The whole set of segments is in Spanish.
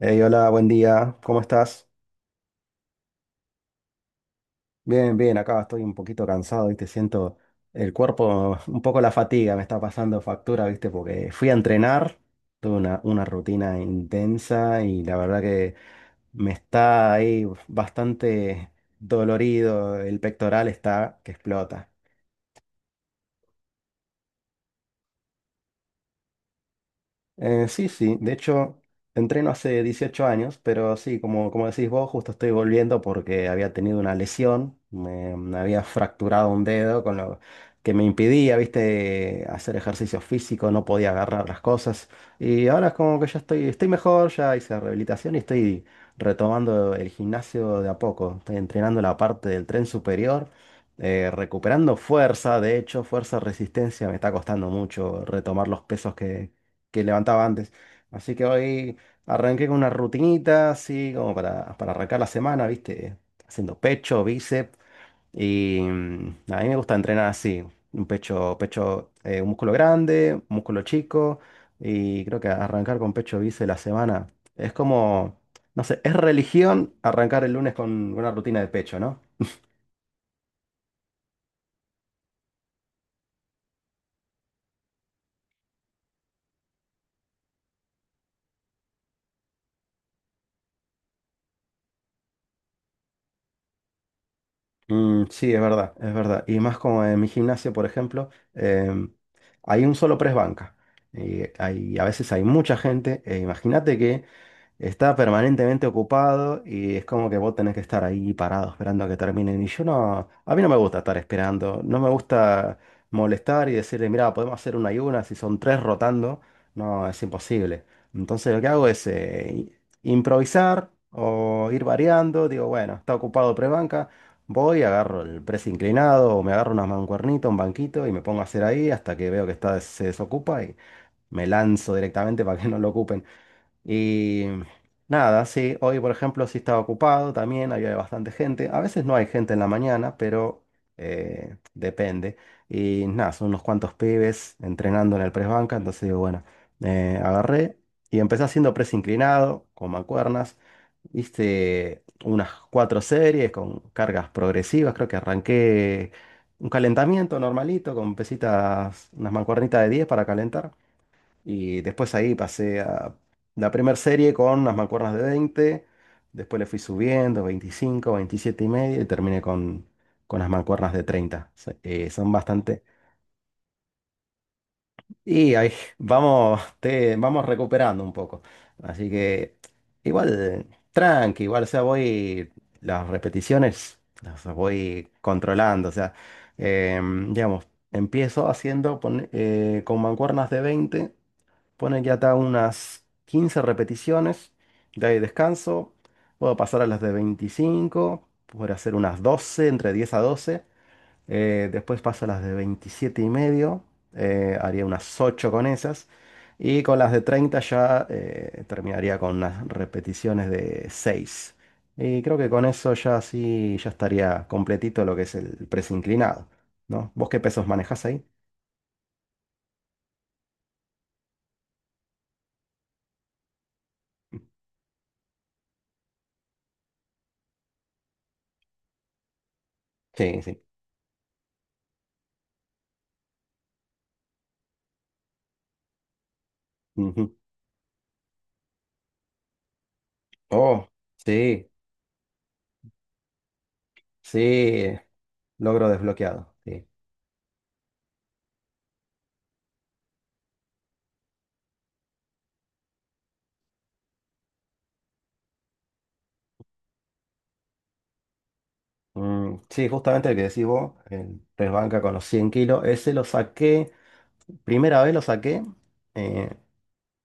Hey, hola, buen día, ¿cómo estás? Bien, bien, acá estoy un poquito cansado, viste. Siento el cuerpo, un poco la fatiga me está pasando factura, ¿viste? Porque fui a entrenar, tuve una rutina intensa y la verdad que me está ahí bastante dolorido, el pectoral está que explota. Sí, sí, de hecho entreno hace 18 años, pero sí, como, como decís vos, justo estoy volviendo porque había tenido una lesión, me había fracturado un dedo con lo que me impedía, viste, hacer ejercicio físico, no podía agarrar las cosas y ahora es como que ya estoy mejor, ya hice rehabilitación y estoy retomando el gimnasio de a poco, estoy entrenando la parte del tren superior. Recuperando fuerza, de hecho, fuerza, resistencia, me está costando mucho retomar los pesos que levantaba antes. Así que hoy arranqué con una rutinita, así como para arrancar la semana, ¿viste? Haciendo pecho, bíceps. Y a mí me gusta entrenar así, un pecho, un músculo grande, un músculo chico. Y creo que arrancar con pecho, bíceps la semana es como, no sé, es religión arrancar el lunes con una rutina de pecho, ¿no? Sí, es verdad, es verdad. Y más como en mi gimnasio, por ejemplo, hay un solo press banca. Y hay, a veces hay mucha gente, e imagínate que está permanentemente ocupado y es como que vos tenés que estar ahí parado esperando a que terminen. Y yo no, a mí no me gusta estar esperando, no me gusta molestar y decirle, mira, podemos hacer una y una, si son tres rotando, no, es imposible. Entonces lo que hago es improvisar o ir variando, digo, bueno, está ocupado prebanca, voy, agarro el press inclinado o me agarro unas mancuernitas, un banquito y me pongo a hacer ahí hasta que veo que está, se desocupa y me lanzo directamente para que no lo ocupen. Y nada, sí, hoy por ejemplo sí estaba ocupado también, había bastante gente. A veces no hay gente en la mañana, pero depende. Y nada, son unos cuantos pibes entrenando en el press banca, entonces digo, bueno, agarré y empecé haciendo press inclinado con mancuernas. Hice unas cuatro series con cargas progresivas, creo que arranqué un calentamiento normalito con pesitas, unas mancuernitas de 10 para calentar. Y después ahí pasé a la primera serie con las mancuernas de 20, después le fui subiendo 25, 27 y medio y terminé con las mancuernas de 30. Son bastante… Y ahí vamos, vamos recuperando un poco. Así que igual, tranqui, igual, o sea, voy, las repeticiones las voy controlando, o sea, digamos, empiezo haciendo con mancuernas de 20. Pone que acá unas 15 repeticiones, de ahí descanso. Puedo pasar a las de 25, puedo hacer unas 12, entre 10 a 12. Después paso a las de 27 y medio, haría unas 8 con esas. Y con las de 30 ya terminaría con unas repeticiones de 6. Y creo que con eso ya sí, ya estaría completito lo que es el press inclinado, ¿no? ¿Vos qué pesos manejás ahí? Sí, sí. Ujú. Oh, sí. Sí, logro desbloqueado. Sí. Sí, justamente el que decís vos, el press banca con los 100 kilos, ese lo saqué, primera vez lo saqué, eh,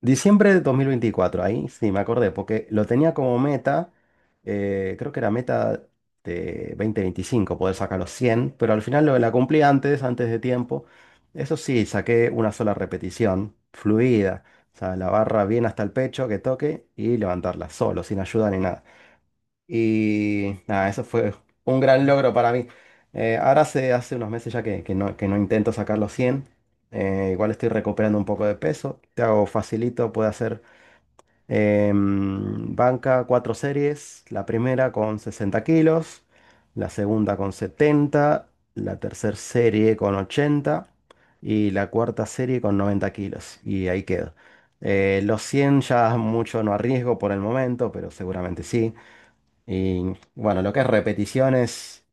diciembre de 2024. Ahí sí me acordé, porque lo tenía como meta, creo que era meta de 2025 poder sacar los 100, pero al final lo la cumplí antes, antes de tiempo. Eso sí, saqué una sola repetición, fluida, o sea, la barra bien hasta el pecho, que toque y levantarla solo, sin ayuda ni nada. Y nada, eso fue un gran logro para mí. Ahora hace unos meses ya que no intento sacar los 100. Igual estoy recuperando un poco de peso. Te hago facilito, puedo hacer banca, cuatro series. La primera con 60 kilos, la segunda con 70, la tercera serie con 80 y la cuarta serie con 90 kilos. Y ahí quedo. Los 100 ya mucho no arriesgo por el momento, pero seguramente sí. Y bueno, lo que es repeticiones,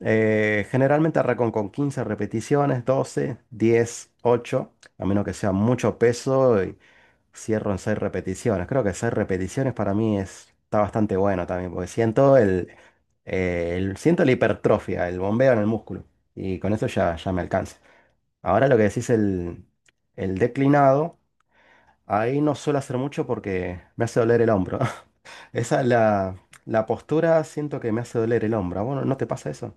generalmente arranco con 15 repeticiones, 12, 10, 8, a menos que sea mucho peso, y cierro en 6 repeticiones. Creo que 6 repeticiones para mí es, está bastante bueno también, porque siento el, siento la hipertrofia, el bombeo en el músculo, y con eso ya, ya me alcanza. Ahora lo que decís el declinado, ahí no suelo hacer mucho porque me hace doler el hombro. Esa, la, la postura siento que me hace doler el hombro. Bueno, no te pasa eso?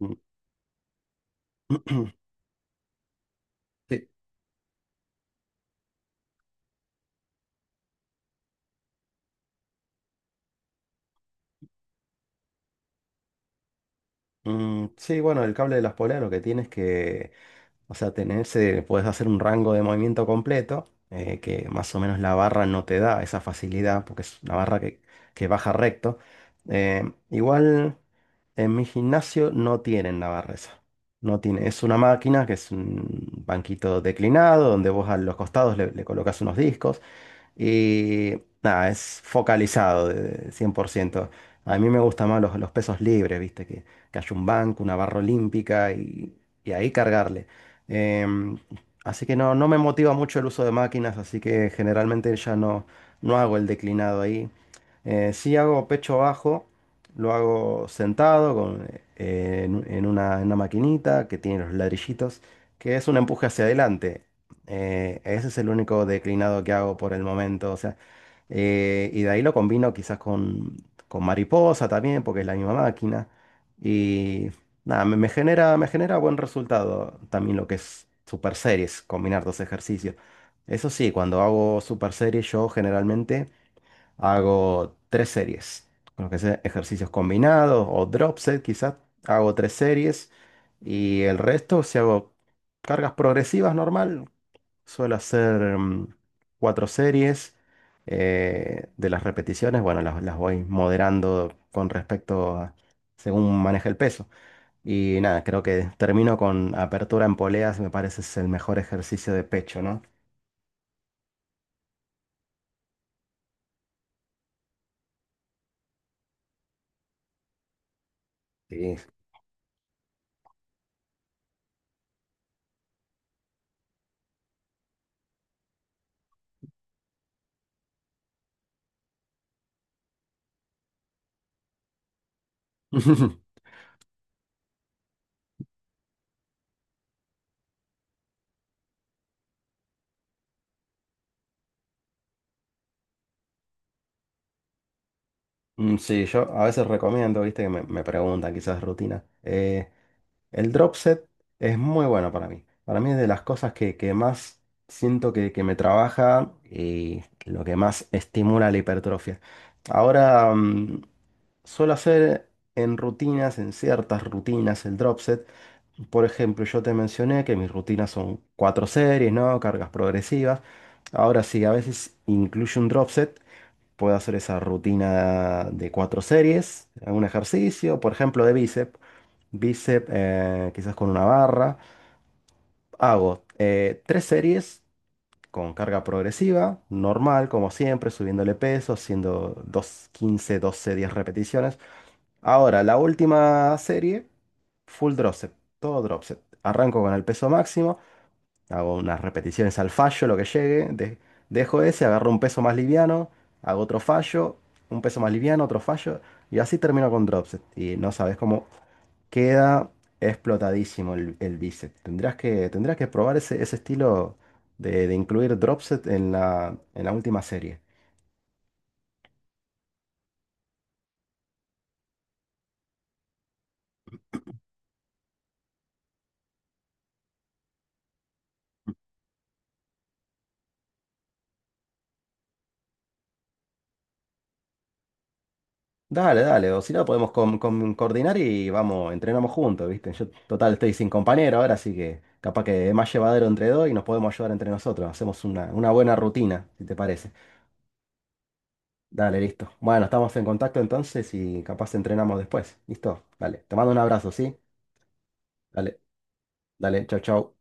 Sí. Sí, bueno, el cable de las poleas lo que tienes que, o sea, tenerse, puedes hacer un rango de movimiento completo, que más o menos la barra no te da esa facilidad, porque es una barra que baja recto. Igual en mi gimnasio no tienen la barra esa. No tiene, es una máquina que es un banquito declinado, donde vos a los costados le colocas unos discos. Y nada, es focalizado de 100%. A mí me gustan más los pesos libres, ¿viste? Que haya un banco, una barra olímpica y ahí cargarle. Em, Así que no, no me motiva mucho el uso de máquinas, así que generalmente ya no, no hago el declinado ahí. Sí hago pecho bajo, lo hago sentado con, en una maquinita que tiene los ladrillitos, que es un empuje hacia adelante. Ese es el único declinado que hago por el momento. O sea, y de ahí lo combino quizás con mariposa también, porque es la misma máquina. Y nada, me genera buen resultado también lo que es super series, combinar dos ejercicios. Eso sí, cuando hago super series, yo generalmente hago tres series. Con lo que sea ejercicios combinados o drop set, quizás hago tres series. Y el resto, si hago cargas progresivas normal, suelo hacer cuatro series. De las repeticiones, bueno, las voy moderando con respecto a según maneja el peso. Y nada, creo que termino con apertura en poleas, me parece es el mejor ejercicio de pecho, ¿no? Sí. Sí, yo a veces recomiendo, viste, que me preguntan quizás rutina. El drop set es muy bueno para mí. Para mí es de las cosas que más siento que me trabaja y lo que más estimula la hipertrofia. Ahora, suelo hacer en rutinas, en ciertas rutinas, el drop set. Por ejemplo, yo te mencioné que mis rutinas son cuatro series, ¿no? Cargas progresivas. Ahora sí, a veces incluyo un drop set. Puedo hacer esa rutina de cuatro series, un ejercicio, por ejemplo, de bíceps. Bíceps, quizás con una barra. Hago tres series con carga progresiva, normal, como siempre, subiéndole peso, haciendo dos, 15, 12, 10 repeticiones. Ahora, la última serie, full drop set, todo drop set. Arranco con el peso máximo. Hago unas repeticiones al fallo, lo que llegue. Dejo ese, agarro un peso más liviano, hago otro fallo, un peso más liviano, otro fallo. Y así termino con dropset. Y no sabes cómo queda explotadísimo el bíceps. Tendrás que probar ese estilo de incluir dropset en en la última serie. Dale, dale, o si no podemos coordinar y vamos, entrenamos juntos, ¿viste? Yo total estoy sin compañero ahora, así que capaz que es más llevadero entre dos y nos podemos ayudar entre nosotros. Hacemos una buena rutina, si te parece. Dale, listo. Bueno, estamos en contacto entonces y capaz entrenamos después. ¿Listo? Dale, te mando un abrazo, ¿sí? Dale, dale, chau, chau.